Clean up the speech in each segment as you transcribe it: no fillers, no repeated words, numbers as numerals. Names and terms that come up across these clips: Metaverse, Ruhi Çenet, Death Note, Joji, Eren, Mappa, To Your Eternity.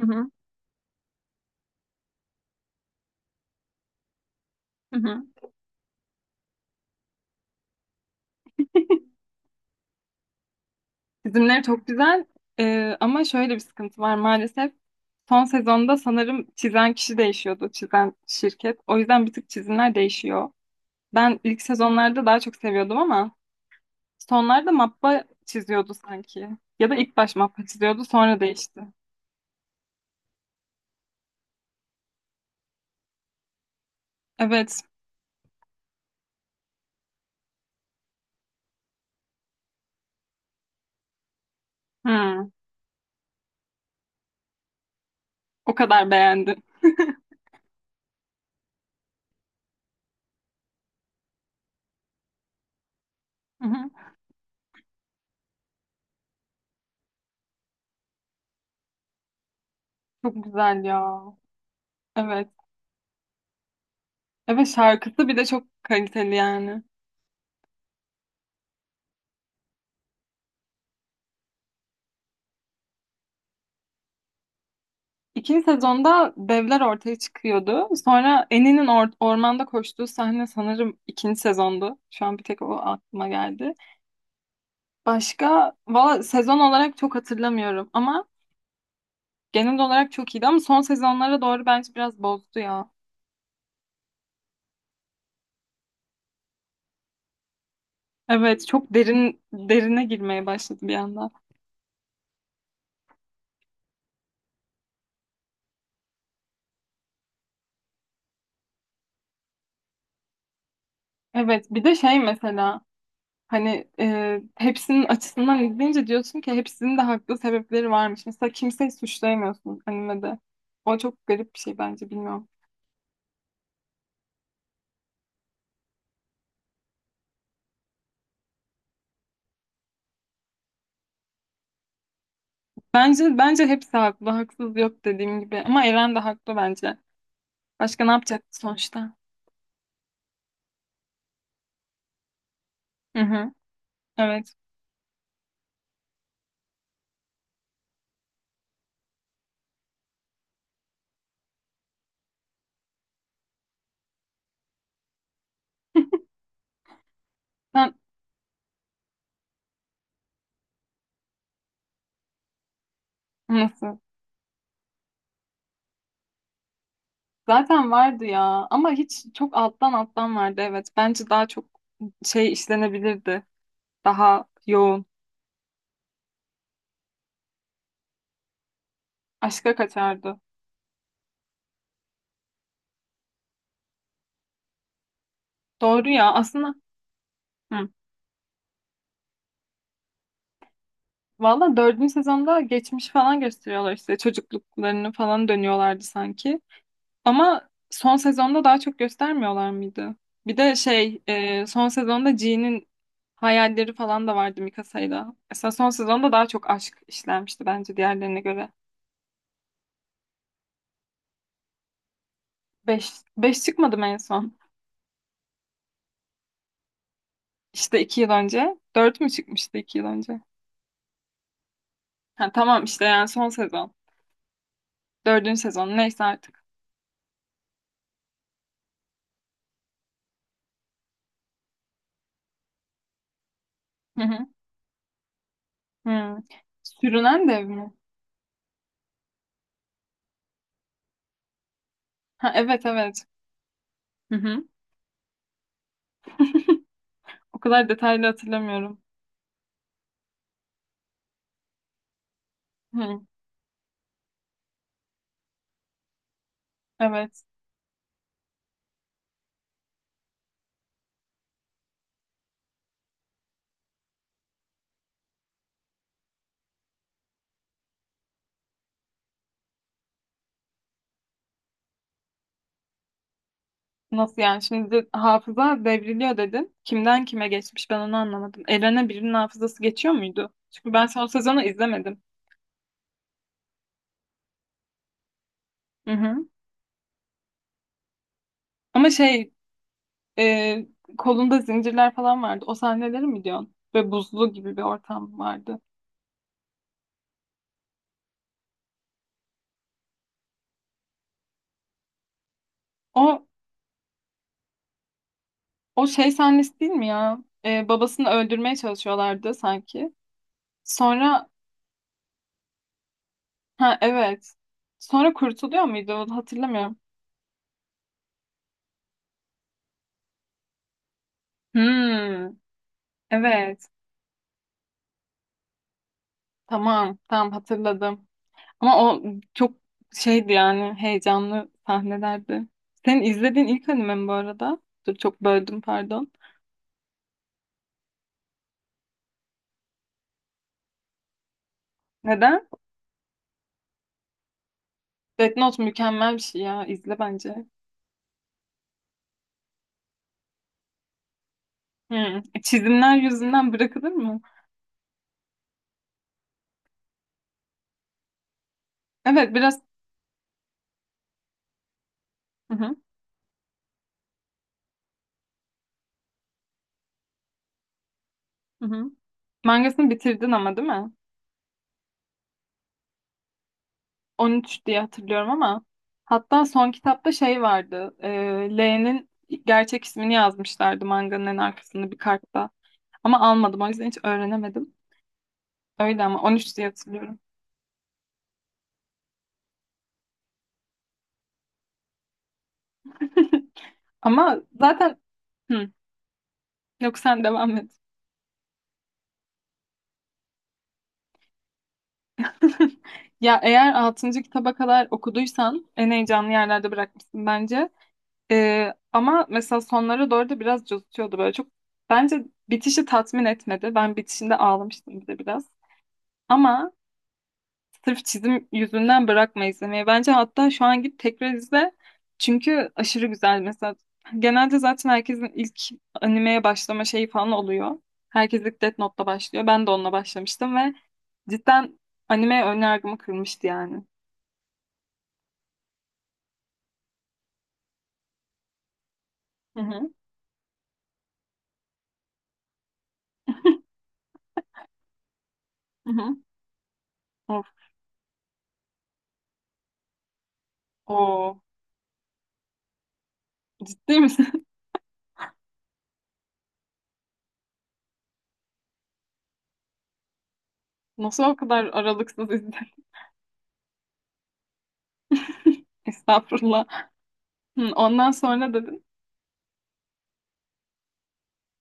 Hı hı, hı hı. Çizimleri çok güzel. Ama şöyle bir sıkıntı var maalesef. Son sezonda sanırım çizen kişi değişiyordu, çizen şirket. O yüzden bir tık çizimler değişiyor. Ben ilk sezonlarda daha çok seviyordum ama sonlarda mappa çiziyordu sanki. Ya da ilk baş mappa çiziyordu sonra değişti. Evet. Hı, o kadar beğendim. Hı hı. Çok güzel ya. Evet. Evet, şarkısı bir de çok kaliteli yani. İkinci sezonda devler ortaya çıkıyordu. Sonra Annie'nin ormanda koştuğu sahne sanırım ikinci sezondu. Şu an bir tek o aklıma geldi. Başka valla sezon olarak çok hatırlamıyorum ama genel olarak çok iyiydi ama son sezonlara doğru bence biraz bozdu ya. Evet, çok derin derine girmeye başladı bir anda. Evet bir de şey mesela hani hepsinin açısından izleyince diyorsun ki hepsinin de haklı sebepleri varmış. Mesela kimseyi suçlayamıyorsun animede. O çok garip bir şey bence bilmiyorum. Bence hepsi haklı. Haksız yok dediğim gibi. Ama Eren de haklı bence. Başka ne yapacaktı sonuçta? Hı hı. Evet. Sen nasıl? Zaten vardı ya. Ama hiç çok alttan alttan vardı. Evet. Bence daha çok şey işlenebilirdi. Daha yoğun. Aşka kaçardı. Doğru ya. Aslında hı. Valla dördüncü sezonda geçmiş falan gösteriyorlar işte. Çocukluklarını falan dönüyorlardı sanki. Ama son sezonda daha çok göstermiyorlar mıydı? Bir de şey son sezonda G'nin hayalleri falan da vardı Mikasa'yla. Mesela son sezonda daha çok aşk işlenmişti bence diğerlerine göre. Beş, beş çıkmadım en son. İşte 2 yıl önce. Dört mü çıkmıştı 2 yıl önce? Ha, tamam işte yani son sezon. Dördüncü sezon neyse artık. Hı hı. Hı. Sürünen dev mi? Ha, evet evet. Hı hı. O kadar detaylı hatırlamıyorum. Hı, evet. Nasıl yani? Şimdi hafıza devriliyor dedin. Kimden kime geçmiş ben onu anlamadım. Eren'e birinin hafızası geçiyor muydu? Çünkü ben son sezonu izlemedim. Hı hı. Ama şey e, kolunda zincirler falan vardı. O sahneleri mi diyorsun? Ve buzlu gibi bir ortam vardı. O o şey sahnesi değil mi ya? Babasını öldürmeye çalışıyorlardı sanki. Sonra ha evet. Sonra kurtuluyor muydu? Hatırlamıyorum. Hmm, evet. Tamam, tamam hatırladım. Ama o çok şeydi yani heyecanlı sahnelerdi. Senin izlediğin ilk anime mi bu arada? Dur çok böldüm pardon. Neden? Death Note mükemmel bir şey ya. İzle bence. Hı. Çizimler yüzünden bırakılır mı? Evet biraz. Hı hı, hı hı. Mangasını bitirdin ama değil mi? 13 diye hatırlıyorum ama. Hatta son kitapta şey vardı. L'nin gerçek ismini yazmışlardı manganın en arkasında bir kartta. Ama almadım o yüzden hiç öğrenemedim. Öyle ama 13 diye hatırlıyorum. Ama zaten. Hı, yok sen devam et. Ya eğer altıncı kitaba kadar okuduysan en heyecanlı yerlerde bırakmışsın bence. Ama mesela sonlara doğru da biraz cozutuyordu böyle çok. Bence bitişi tatmin etmedi. Ben bitişinde ağlamıştım bir de biraz. Ama sırf çizim yüzünden bırakma izlemeyi. Bence hatta şu an git tekrar izle. Çünkü aşırı güzel mesela. Genelde zaten herkesin ilk animeye başlama şeyi falan oluyor. Herkes ilk Death Note'la başlıyor. Ben de onunla başlamıştım ve cidden anime önyargımı kırmıştı yani. Hı hı. Hı hı. Of, o ciddi misin? Nasıl o kadar aralıksız izledin? Estağfurullah. Hı, ondan sonra dedin.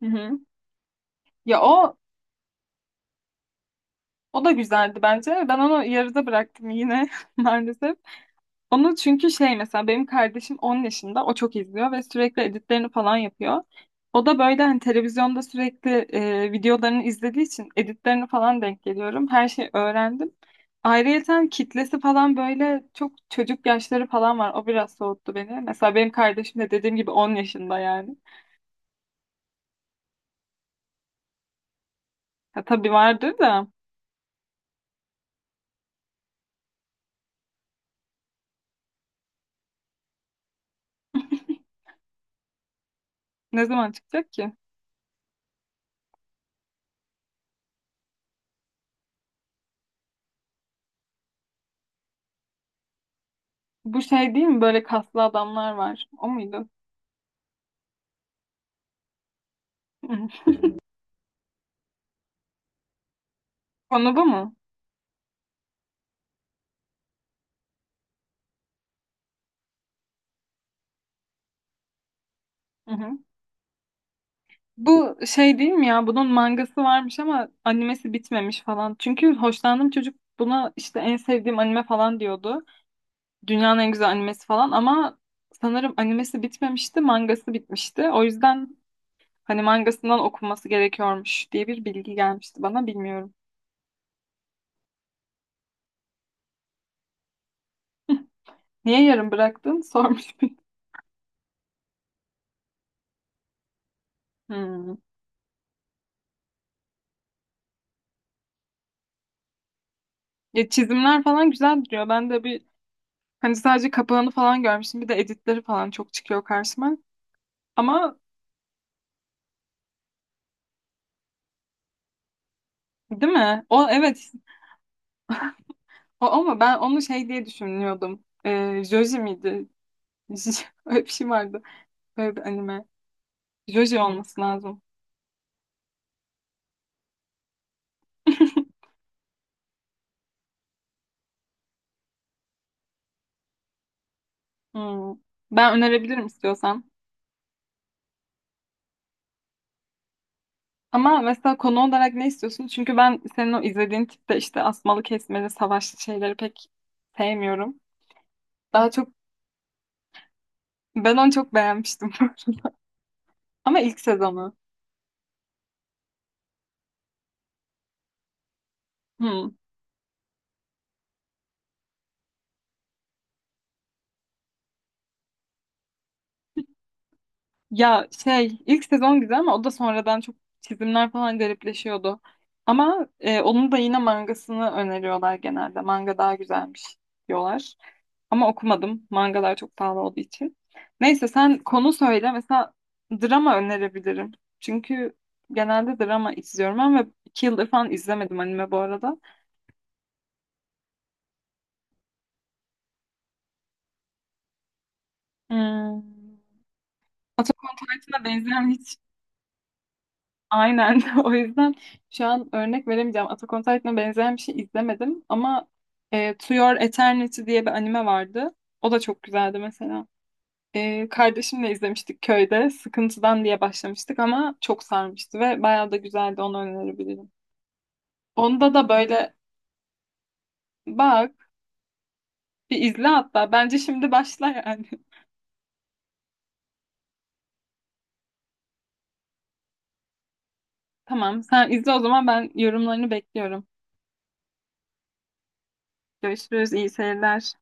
Hı hı. Ya o da güzeldi bence. Ben onu yarıda bıraktım yine maalesef. Onu çünkü şey mesela benim kardeşim 10 yaşında, o çok izliyor ve sürekli editlerini falan yapıyor. O da böyle hani televizyonda sürekli videolarını izlediği için editlerini falan denk geliyorum. Her şeyi öğrendim. Ayrıyeten kitlesi falan böyle çok çocuk yaşları falan var. O biraz soğuttu beni. Mesela benim kardeşim de dediğim gibi 10 yaşında yani. Ya tabii vardır da ne zaman çıkacak ki? Bu şey değil mi? Böyle kaslı adamlar var. O muydu? Konu bu mu? Bu şey değil mi ya? Bunun mangası varmış ama animesi bitmemiş falan. Çünkü hoşlandığım çocuk buna işte en sevdiğim anime falan diyordu. Dünyanın en güzel animesi falan ama sanırım animesi bitmemişti, mangası bitmişti. O yüzden hani mangasından okunması gerekiyormuş diye bir bilgi gelmişti bana bilmiyorum. Niye yarım bıraktın? Sormuş. Hmm. Ya çizimler falan güzel duruyor. Ben de bir hani sadece kapağını falan görmüştüm. Bir de editleri falan çok çıkıyor karşıma. Ama değil mi? O evet. O, ama ben onu şey diye düşünüyordum. Joji miydi? Öyle bir şey vardı. Böyle bir anime. Joji olması lazım. Hmm. Ben önerebilirim istiyorsan. Ama mesela konu olarak ne istiyorsun? Çünkü ben senin o izlediğin tipte işte asmalı kesmeli savaşlı şeyleri pek sevmiyorum. Daha çok ben onu çok beğenmiştim. Ama ilk sezonu. Hmm. Ya şey ilk sezon güzel ama o da sonradan çok çizimler falan garipleşiyordu. Ama onun da yine mangasını öneriyorlar genelde. Manga daha güzelmiş diyorlar. Ama okumadım. Mangalar çok pahalı olduğu için. Neyse sen konu söyle. Mesela drama önerebilirim. Çünkü genelde drama izliyorum ben ve 2 yıldır falan izlemedim anime bu arada. Hmm. Attack on Titan'a benzeyen. Aynen. O yüzden şu an örnek veremeyeceğim. Attack on Titan'a benzeyen bir şey izlemedim ama To Your Eternity diye bir anime vardı. O da çok güzeldi mesela. Kardeşimle izlemiştik köyde. Sıkıntıdan diye başlamıştık ama çok sarmıştı ve bayağı da güzeldi. Onu önerebilirim. Onda da böyle bak bir izle hatta. Bence şimdi başla yani. Tamam sen izle o zaman ben yorumlarını bekliyorum. Görüşürüz. İyi seyirler.